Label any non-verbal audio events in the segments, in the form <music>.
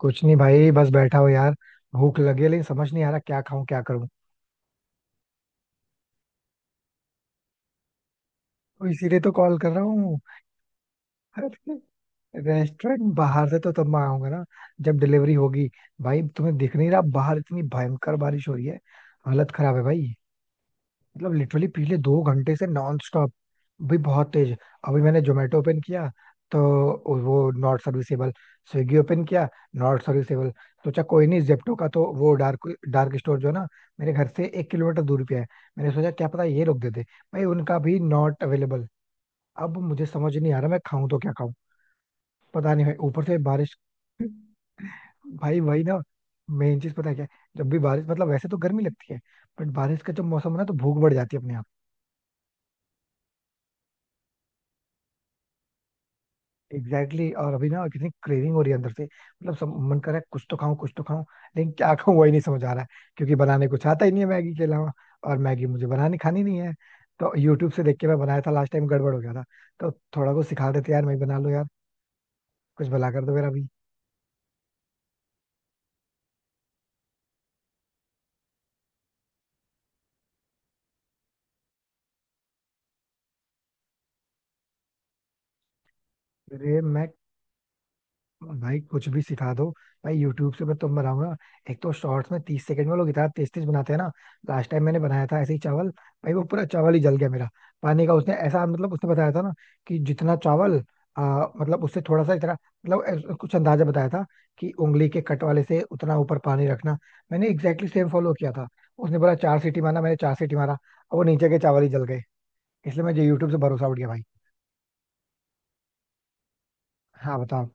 कुछ नहीं भाई, बस बैठा हूँ यार। भूख लगी है लेकिन समझ नहीं आ रहा क्या खाऊं क्या करूं। तो इसीलिए तो कॉल कर रहा हूँ। <laughs> रेस्टोरेंट बाहर से तो तब मंगाऊंगा ना जब डिलीवरी होगी। भाई तुम्हें दिख नहीं रहा, बाहर इतनी भयंकर बारिश हो रही है। हालत खराब है भाई। मतलब लिटरली पिछले 2 घंटे से नॉन स्टॉप, भी बहुत तेज। अभी मैंने जोमेटो ओपन किया तो वो नॉट सर्विसेबल। स्विगी ओपन किया, नॉट सर्विसेबल। सोचा कोई नहीं, जेप्टो का तो वो डार्क डार्क स्टोर जो है ना, मेरे घर से 1 किलोमीटर दूरी पे है, मैंने सोचा क्या पता ये लोग दे दे। भाई उनका भी नॉट अवेलेबल। अब मुझे समझ नहीं आ रहा मैं खाऊं तो क्या खाऊं। पता नहीं भाई, ऊपर से बारिश। <laughs> भाई वही ना। मेन चीज पता है क्या है? जब भी बारिश, मतलब वैसे तो गर्मी लगती है, बट बारिश का जब मौसम हो ना तो भूख बढ़ जाती है अपने। एग्जैक्टली exactly, और अभी ना कितनी क्रेविंग हो रही है अंदर से, मतलब सब मन कर रहा है, कुछ तो खाऊं कुछ तो खाऊं। लेकिन क्या खाऊं वही नहीं समझ आ रहा है। क्योंकि बनाने कुछ आता ही नहीं है मैगी के अलावा। और मैगी मुझे बनानी खानी नहीं है। तो यूट्यूब से देख के मैं बनाया था लास्ट टाइम, गड़बड़ हो गया था। तो थोड़ा कुछ सिखा देते यार, मैं बना लूं यार। कुछ भला कर दो मेरा भी। अरे मैं, भाई कुछ भी सिखा दो। भाई यूट्यूब से मैं तुम बनाऊंगा। एक तो शॉर्ट्स में 30 सेकंड में लोग इतना तेज तेज बनाते हैं ना। लास्ट टाइम मैंने बनाया था ऐसे ही चावल, भाई वो पूरा चावल ही जल गया मेरा। पानी का उसने ऐसा, मतलब उसने बताया था ना कि जितना चावल, मतलब उससे थोड़ा सा इतना मतलब कुछ अंदाजा बताया था कि उंगली के कट वाले से उतना ऊपर पानी रखना। मैंने एग्जैक्टली सेम फॉलो किया था। उसने बोला 4 सीटी मारना, मैंने 4 सीटी मारा, अब वो नीचे के चावल ही जल गए। इसलिए मुझे यूट्यूब से भरोसा उठ गया भाई। हाँ बताओ।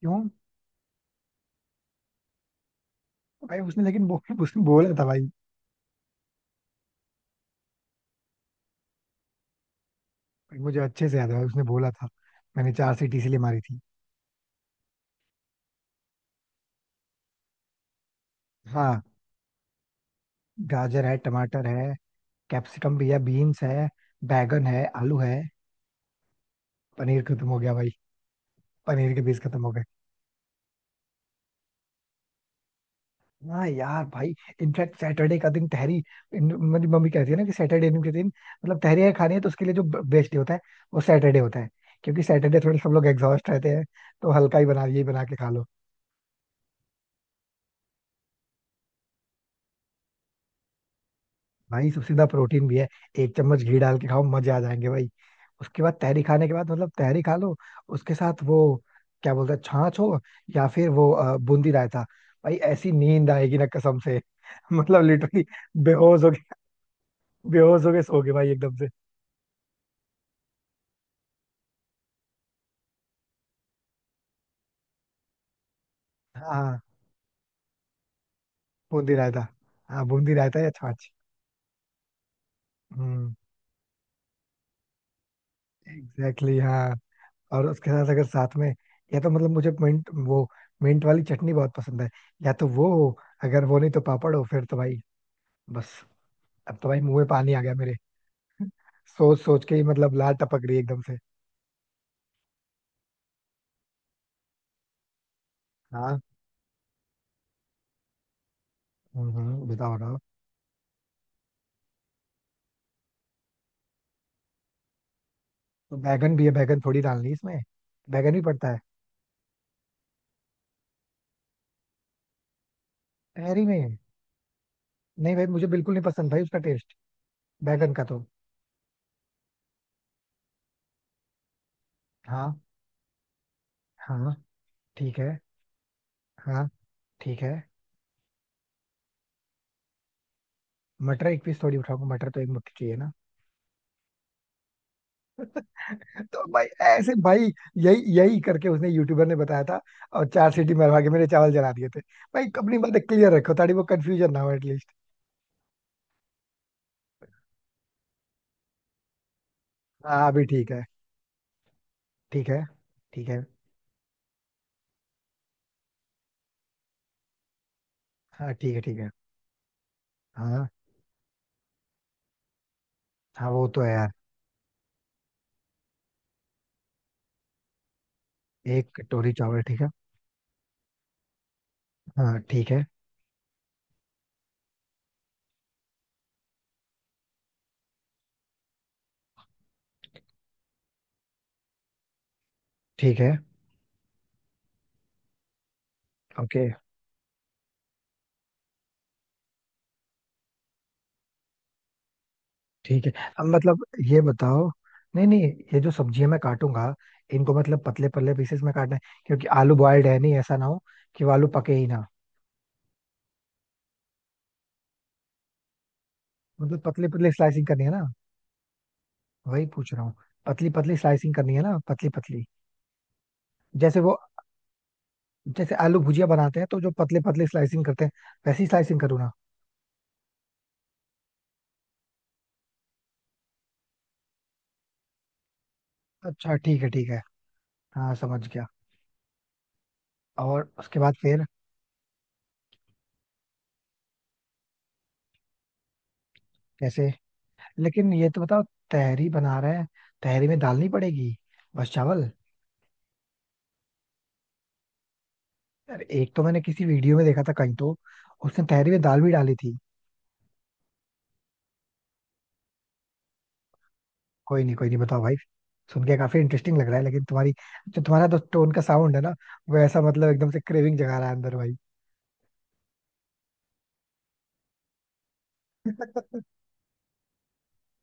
क्यों? भाई उसने लेकिन उसने बोला था भाई। मुझे अच्छे से याद है उसने बोला था। मैंने चार सीट इसीलिए मारी थी। हाँ, गाजर है टमाटर है। कैप्सिकम भी है, बीन्स है। बैगन है, आलू है। पनीर खत्म हो गया भाई। पनीर के पीस खत्म हो गए। हाँ यार भाई। इनफैक्ट सैटरडे का दिन तहरी। मेरी मम्मी कहती है ना कि सैटरडे के दिन मतलब तहरी अगर खानी है, तो उसके लिए जो बेस्ट डे होता है वो सैटरडे होता है, क्योंकि सैटरडे थोड़े सब लोग एग्जॉस्ट रहते हैं, तो हल्का ही बना यही बना के खा लो। भाई सबसे ज्यादा प्रोटीन भी है। 1 चम्मच घी डाल के खाओ, मजे आ जाएंगे भाई। उसके बाद तहरी खाने के बाद, मतलब तहरी खा लो, उसके साथ वो क्या बोलते हैं, छाछ हो या फिर वो बूंदी रायता। भाई ऐसी नींद आएगी ना कसम से। <laughs> मतलब लिटरली बेहोश हो गए, बेहोश हो गए, सो गए भाई एकदम से। हाँ, बूंदी रायता। हाँ, बूंदी रायता या छाछ। हम्म। एग्जैक्टली exactly, हाँ। और उसके साथ अगर साथ में, या तो मतलब मुझे मिंट वो, मिंट वाली चटनी बहुत पसंद है, या तो वो हो, अगर वो नहीं तो पापड़ हो, फिर तो भाई बस। अब तो भाई मुंह में पानी आ गया मेरे। सोच सोच के ही मतलब लाल टपक रही है एकदम से। हाँ। बताओ बताओ। तो बैगन भी है, बैगन थोड़ी डालनी है इसमें? बैगन भी पड़ता है तहरी में? नहीं भाई, मुझे बिल्कुल नहीं पसंद भाई उसका टेस्ट, बैगन का तो। हाँ। हाँ, ठीक है। हाँ, ठीक है। मटर एक पीस थोड़ी उठाऊंगा, मटर तो एक मुट्ठी चाहिए ना। <laughs> तो भाई ऐसे भाई, यही यही करके उसने यूट्यूबर ने बताया था, और 4 सीटी मरवा के मेरे चावल जला दिए थे। भाई अपनी बातें क्लियर रखो ताकि वो कंफ्यूजन ना हो एटलीस्ट। हाँ अभी ठीक है। ठीक है। ठीक है। हाँ, ठीक है। ठीक है। हाँ हाँ, वो तो है यार। एक कटोरी चावल, ठीक है। हाँ, ठीक है। ठीक है। ओके। ठीक है। अब मतलब ये बताओ, नहीं नहीं, ये जो सब्जियां मैं काटूंगा, इनको मतलब पतले पतले पीसेस में काटना है? क्योंकि आलू बॉयल्ड है नहीं, ऐसा ना हो कि वो आलू पके ही ना। मतलब पतले पतले स्लाइसिंग करनी है ना, वही पूछ रहा हूँ। पतली पतली स्लाइसिंग करनी है ना, पतली पतली? जैसे वो, जैसे आलू भुजिया बनाते हैं तो जो पतले पतले स्लाइसिंग करते हैं, वैसी स्लाइसिंग करूँ ना? अच्छा ठीक है, ठीक है। हाँ समझ गया। और उसके बाद फिर? कैसे? लेकिन ये तो बताओ, तहरी बना रहे हैं, तहरी में दाल नहीं पड़ेगी? बस चावल? यार एक तो मैंने किसी वीडियो में देखा था कहीं तो, उसने तहरी में दाल भी डाली थी। कोई नहीं कोई नहीं, बताओ भाई। सुन के काफी इंटरेस्टिंग लग रहा है, लेकिन तुम्हारी जो, तुम्हारा तो टोन का साउंड है ना, वो ऐसा मतलब एकदम से क्रेविंग जगा रहा है अंदर भाई।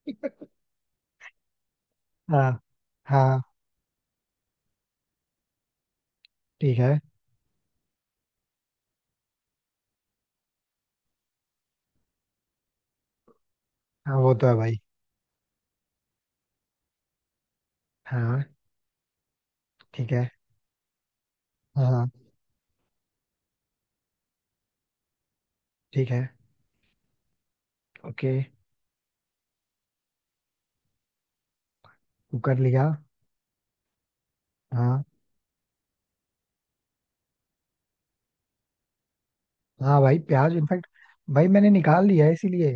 <laughs> हाँ। हाँ ठीक है। हाँ वो तो है भाई। हाँ ठीक है। हाँ हाँ, ठीक है। ओके। कुकर लिया। हाँ। हाँ भाई, प्याज इनफैक्ट, भाई मैंने निकाल लिया है इसीलिए।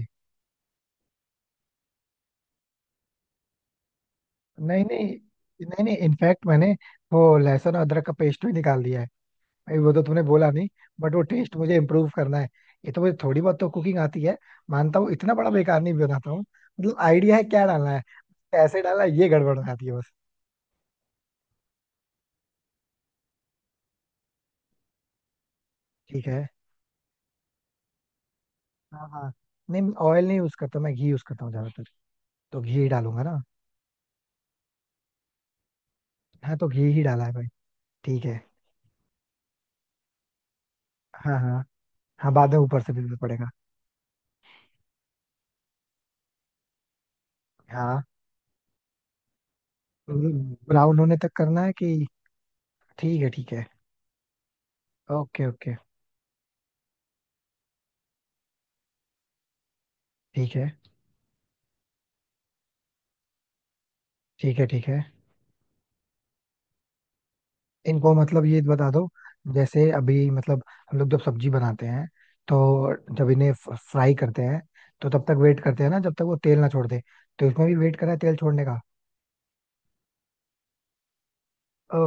नहीं नहीं, नहीं नहीं, इनफैक्ट मैंने वो लहसुन और अदरक का पेस्ट भी निकाल दिया है। भाई वो तो तुमने बोला नहीं। बट वो टेस्ट मुझे इम्प्रूव करना है। ये तो मुझे थोड़ी बहुत तो कुकिंग आती है, मानता हूँ, इतना बड़ा बेकार नहीं बनाता हूँ, मतलब आइडिया है क्या डालना है, कैसे डालना है, ये गड़बड़ हो जाती है बस। ठीक है। हाँ हाँ। नहीं, ऑयल नहीं यूज करता मैं, घी यूज करता हूँ ज्यादातर, तो घी ही डालूंगा ना। हाँ, तो घी ही डाला है भाई। ठीक है। हाँ हाँ। हाँ, बाद में ऊपर से भी पड़ेगा। हाँ। ब्राउन होने तक करना है कि? ठीक है ठीक है। Okay okay. ठीक है। ठीक है ठीक है। इनको मतलब ये बता दो, जैसे अभी मतलब, हम लोग जब सब्जी बनाते हैं, तो जब इन्हें फ्राई करते हैं तो तब तक वेट करते हैं ना जब तक वो तेल ना छोड़ दे, तो इसमें भी वेट करा है तेल छोड़ने का? ओ।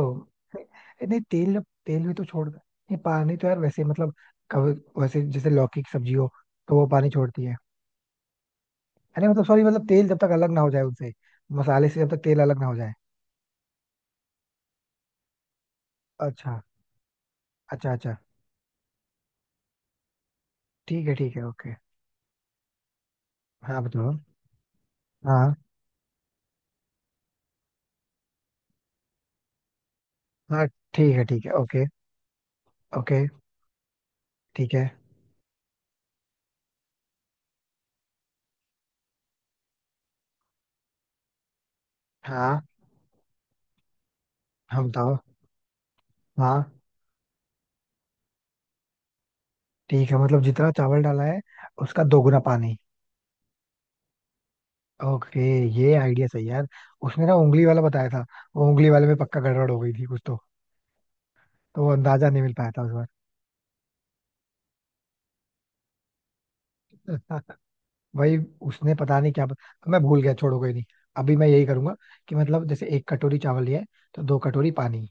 <laughs> नहीं तेल, तेल भी तो छोड़, नहीं पानी तो यार वैसे, मतलब कब, वैसे जैसे लौकी की सब्जी हो तो वो पानी छोड़ती है। अरे मतलब सॉरी, मतलब तेल जब तक अलग ना हो जाए उनसे, मसाले से जब तक तेल अलग ना हो जाए। अच्छा। अच्छा अच्छा। ठीक है ठीक है। ओके। हाँ बताओ। हाँ। हाँ। ठीक है ठीक है। Okay okay. ठीक है। हाँ, हम बताओ। हाँ। ठीक है, मतलब जितना चावल डाला है उसका दोगुना पानी। ओके। ये आइडिया सही है यार। उसने ना उंगली वाला बताया था, वो उंगली वाले में पक्का गड़बड़ हो गई थी कुछ तो वो अंदाजा नहीं मिल पाया था उस बार। <laughs> भाई उसने पता नहीं क्या मैं भूल गया, छोड़ो कोई नहीं। अभी मैं यही करूंगा कि मतलब, जैसे 1 कटोरी चावल लिया है तो 2 कटोरी पानी,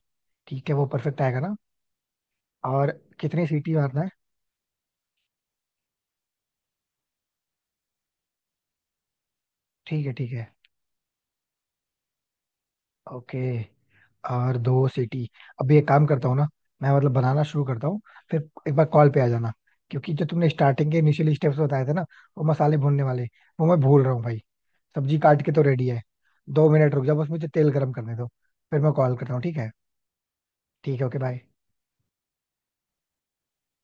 ठीक है? वो परफेक्ट आएगा ना? और कितनी सीटी मारना है? ठीक है ठीक है। ओके। और 2 सीटी? अभी एक काम करता हूँ ना, मैं मतलब बनाना शुरू करता हूँ, फिर एक बार कॉल पे आ जाना। क्योंकि जो तुमने स्टार्टिंग के इनिशियल स्टेप्स बताए थे ना, वो मसाले भूनने वाले, वो मैं भूल रहा हूँ भाई। सब्जी काट के तो रेडी है। 2 मिनट रुक जाओ, बस मुझे तेल गर्म करने दो, फिर मैं कॉल करता हूँ, ठीक है? ठीक है। Okay bye.